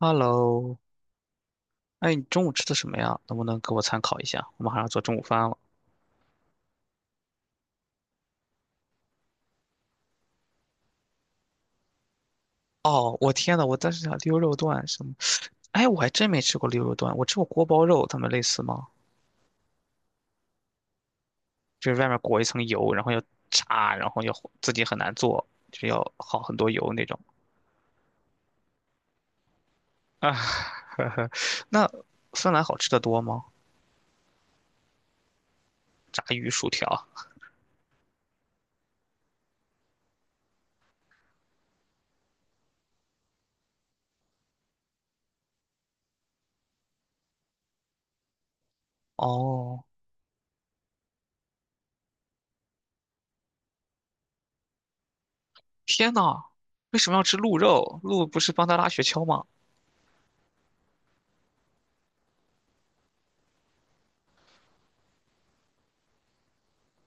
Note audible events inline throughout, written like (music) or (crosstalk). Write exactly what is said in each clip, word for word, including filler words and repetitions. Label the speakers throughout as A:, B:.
A: Hello，哎，你中午吃的什么呀？能不能给我参考一下？我马上要做中午饭了。哦，我天呐，我当时想溜肉段什么？哎，我还真没吃过溜肉段，我吃过锅包肉，它们类似吗？就是外面裹一层油，然后要炸，然后要自己很难做，就是要好很多油那种。啊，(laughs) 呵呵，那芬兰好吃的多吗？炸鱼薯条。哦，天呐，为什么要吃鹿肉？鹿不是帮他拉雪橇吗？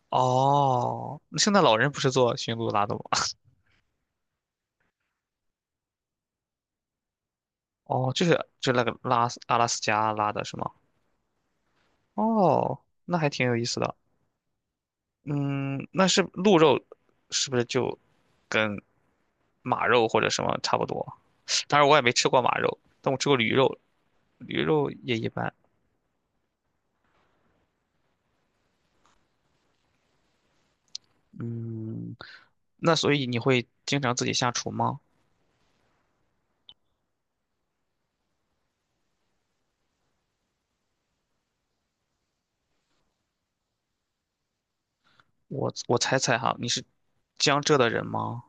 A: 哦，那圣诞老人不是做驯鹿拉的吗？哦，就是就那个拉斯阿拉斯加拉的是吗？哦，那还挺有意思的。嗯，那是鹿肉是不是就跟马肉或者什么差不多？当然我也没吃过马肉，但我吃过驴肉，驴肉也一般。嗯，那所以你会经常自己下厨吗？我我猜猜哈，你是江浙的人吗？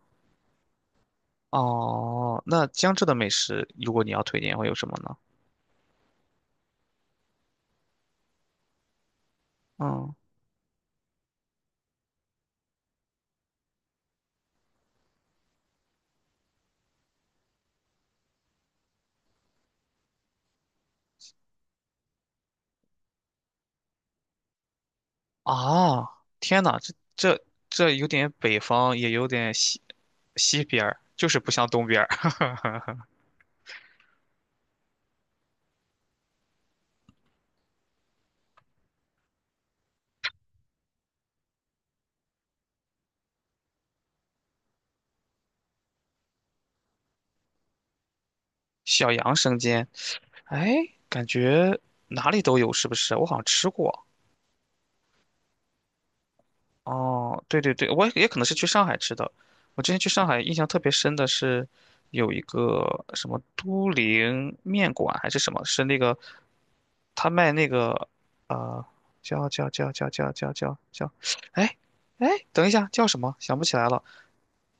A: 哦，那江浙的美食，如果你要推荐会有什么呢？嗯。啊，天呐，这这这有点北方，也有点西西边儿，就是不像东边儿。(laughs) 小杨生煎，哎，感觉哪里都有，是不是？我好像吃过。哦，对对对，我也可能是去上海吃的。我之前去上海，印象特别深的是有一个什么都灵面馆还是什么，是那个他卖那个呃叫叫叫叫叫叫叫叫，哎哎，等一下叫什么？想不起来了。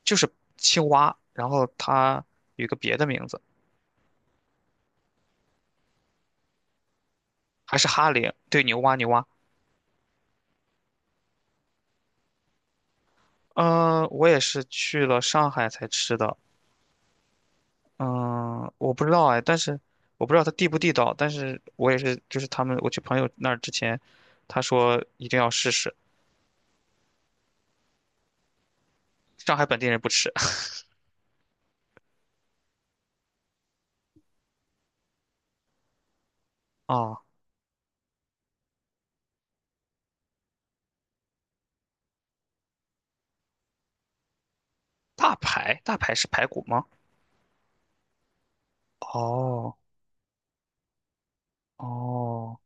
A: 就是青蛙，然后它有一个别的名字，还是哈林，对，牛蛙牛蛙。嗯，我也是去了上海才吃的，嗯，我不知道哎，但是我不知道它地不地道，但是我也是，就是他们我去朋友那儿之前，他说一定要试试，上海本地人不吃 (laughs) 啊，大排，大排是排骨吗？哦哦。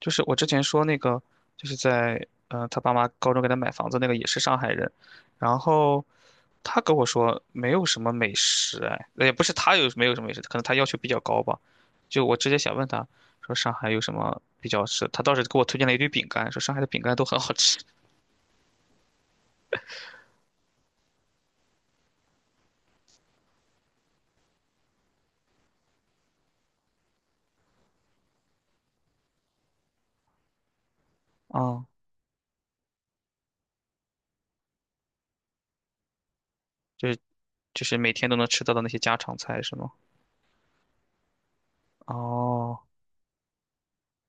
A: 就是我之前说那个，就是在呃他爸妈高中给他买房子那个也是上海人，然后他跟我说没有什么美食，哎，呃也不是他有没有什么美食，可能他要求比较高吧。就我直接想问他说上海有什么比较吃，他倒是给我推荐了一堆饼干，说上海的饼干都很好吃啊 (laughs)，就是就是每天都能吃到的那些家常菜是吗？哦，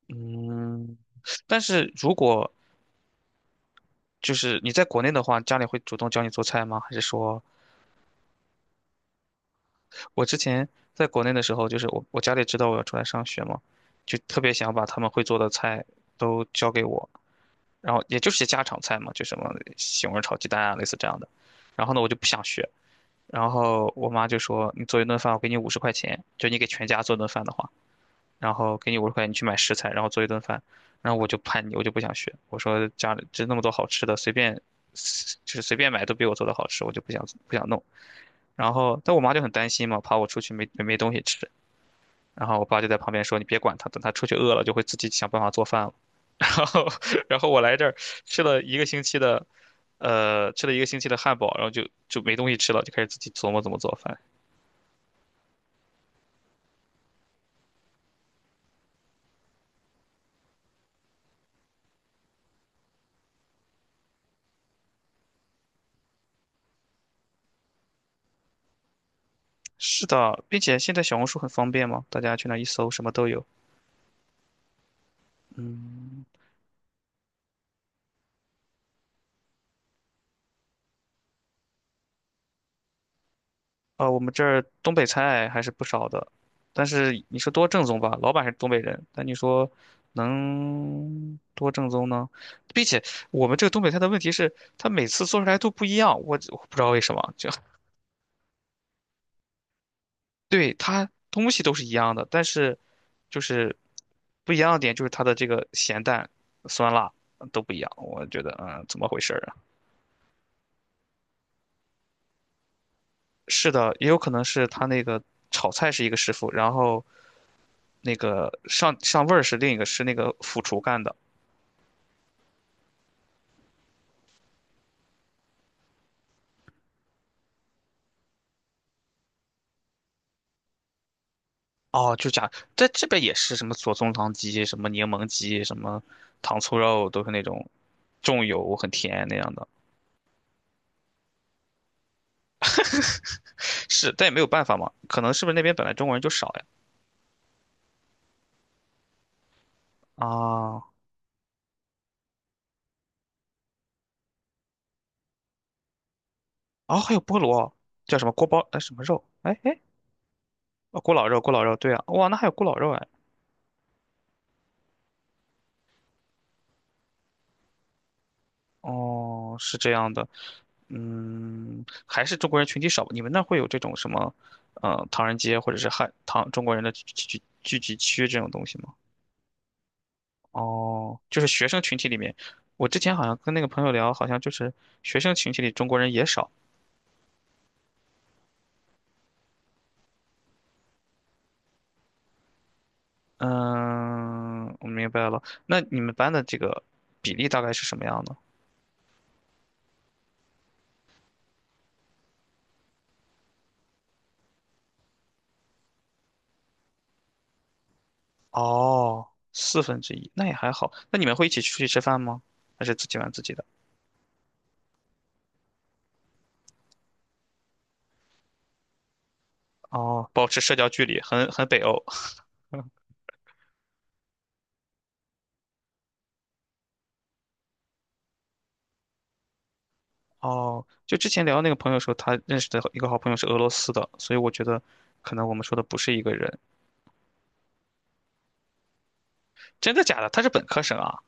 A: 嗯，但是如果就是你在国内的话，家里会主动教你做菜吗？还是说？我之前在国内的时候，就是我我家里知道我要出来上学嘛，就特别想把他们会做的菜都教给我，然后也就是些家常菜嘛，就什么西红柿炒鸡蛋啊，类似这样的。然后呢，我就不想学，然后我妈就说：“你做一顿饭，我给你五十块钱，就你给全家做顿饭的话，然后给你五十块钱，你去买食材，然后做一顿饭。”然后我就叛逆，我就不想学，我说家里就那么多好吃的，随便就是随便买都比我做的好吃，我就不想不想弄。然后，但我妈就很担心嘛，怕我出去没没没东西吃，然后我爸就在旁边说：“你别管他，等他出去饿了就会自己想办法做饭了。(laughs)”然后，然后我来这儿吃了一个星期的，呃，吃了一个星期的汉堡，然后就就没东西吃了，就开始自己琢磨怎么做饭。是的，并且现在小红书很方便嘛，大家去那一搜，什么都有。嗯。啊，我们这儿东北菜还是不少的，但是你说多正宗吧，老板是东北人，但你说能多正宗呢？并且我们这个东北菜的问题是，它每次做出来都不一样，我我不知道为什么，就 (laughs) 对它东西都是一样的，但是就是不一样的点就是它的这个咸淡、酸辣都不一样，我觉得嗯，怎么回事儿啊？是的，也有可能是他那个炒菜是一个师傅，然后那个上上味儿是另一个是那个副厨干的。哦，就假在这边也是什么左宗棠鸡、什么柠檬鸡、什么糖醋肉，都是那种重油很甜那样的。是，但也没有办法嘛，可能是不是那边本来中国人就少呀？啊，哦，还有菠萝，叫什么锅包哎什么肉？哎哎，哦，咕老肉，咕老肉，对啊，哇，那还有咕老肉哎。哦，是这样的。嗯，还是中国人群体少吧你们那会有这种什么，呃，唐人街或者是汉唐中国人的聚聚聚集区这种东西吗？哦，就是学生群体里面，我之前好像跟那个朋友聊，好像就是学生群体里中国人也少。嗯，我明白了。那你们班的这个比例大概是什么样的？哦，四分之一，那也还好。那你们会一起出去吃饭吗？还是自己玩自己的？哦，保持社交距离，很很北欧。(laughs) 哦，就之前聊那个朋友说，他认识的一个好朋友是俄罗斯的，所以我觉得可能我们说的不是一个人。真的假的？他是本科生啊？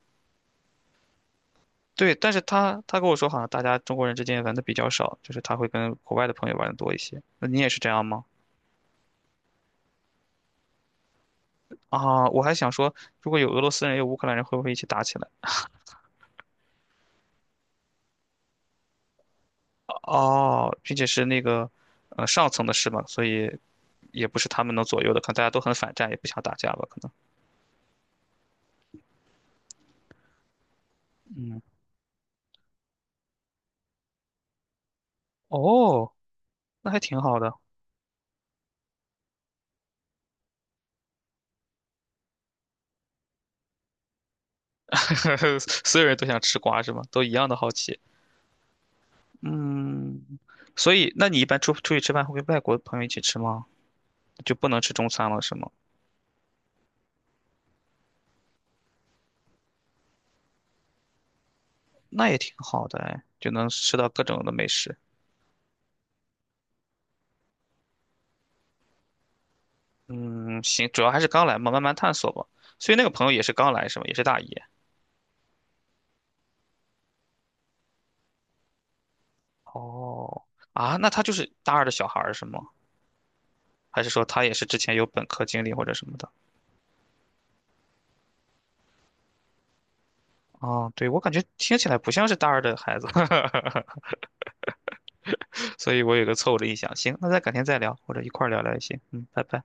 A: 对，但是他他跟我说，好像大家中国人之间玩的比较少，就是他会跟国外的朋友玩的多一些。那你也是这样吗？啊，我还想说，如果有俄罗斯人，有乌克兰人，会不会一起打起来？哦，并且是那个，呃，上层的事嘛，所以也不是他们能左右的，可能大家都很反战，也不想打架吧，可能。嗯，哦，那还挺好的。(laughs) 所有人都想吃瓜是吗？都一样的好奇。嗯，所以那你一般出出去吃饭会跟外国朋友一起吃吗？就不能吃中餐了是吗？那也挺好的哎，就能吃到各种的美食。嗯，行，主要还是刚来嘛，慢慢探索吧。所以那个朋友也是刚来是吗？也是大一。哦，啊，那他就是大二的小孩儿是吗？还是说他也是之前有本科经历或者什么的？哦，对，我感觉听起来不像是大二的孩子。(laughs) 所以我有个错误的印象。行，那咱改天再聊，或者一块儿聊聊也行。嗯，拜拜。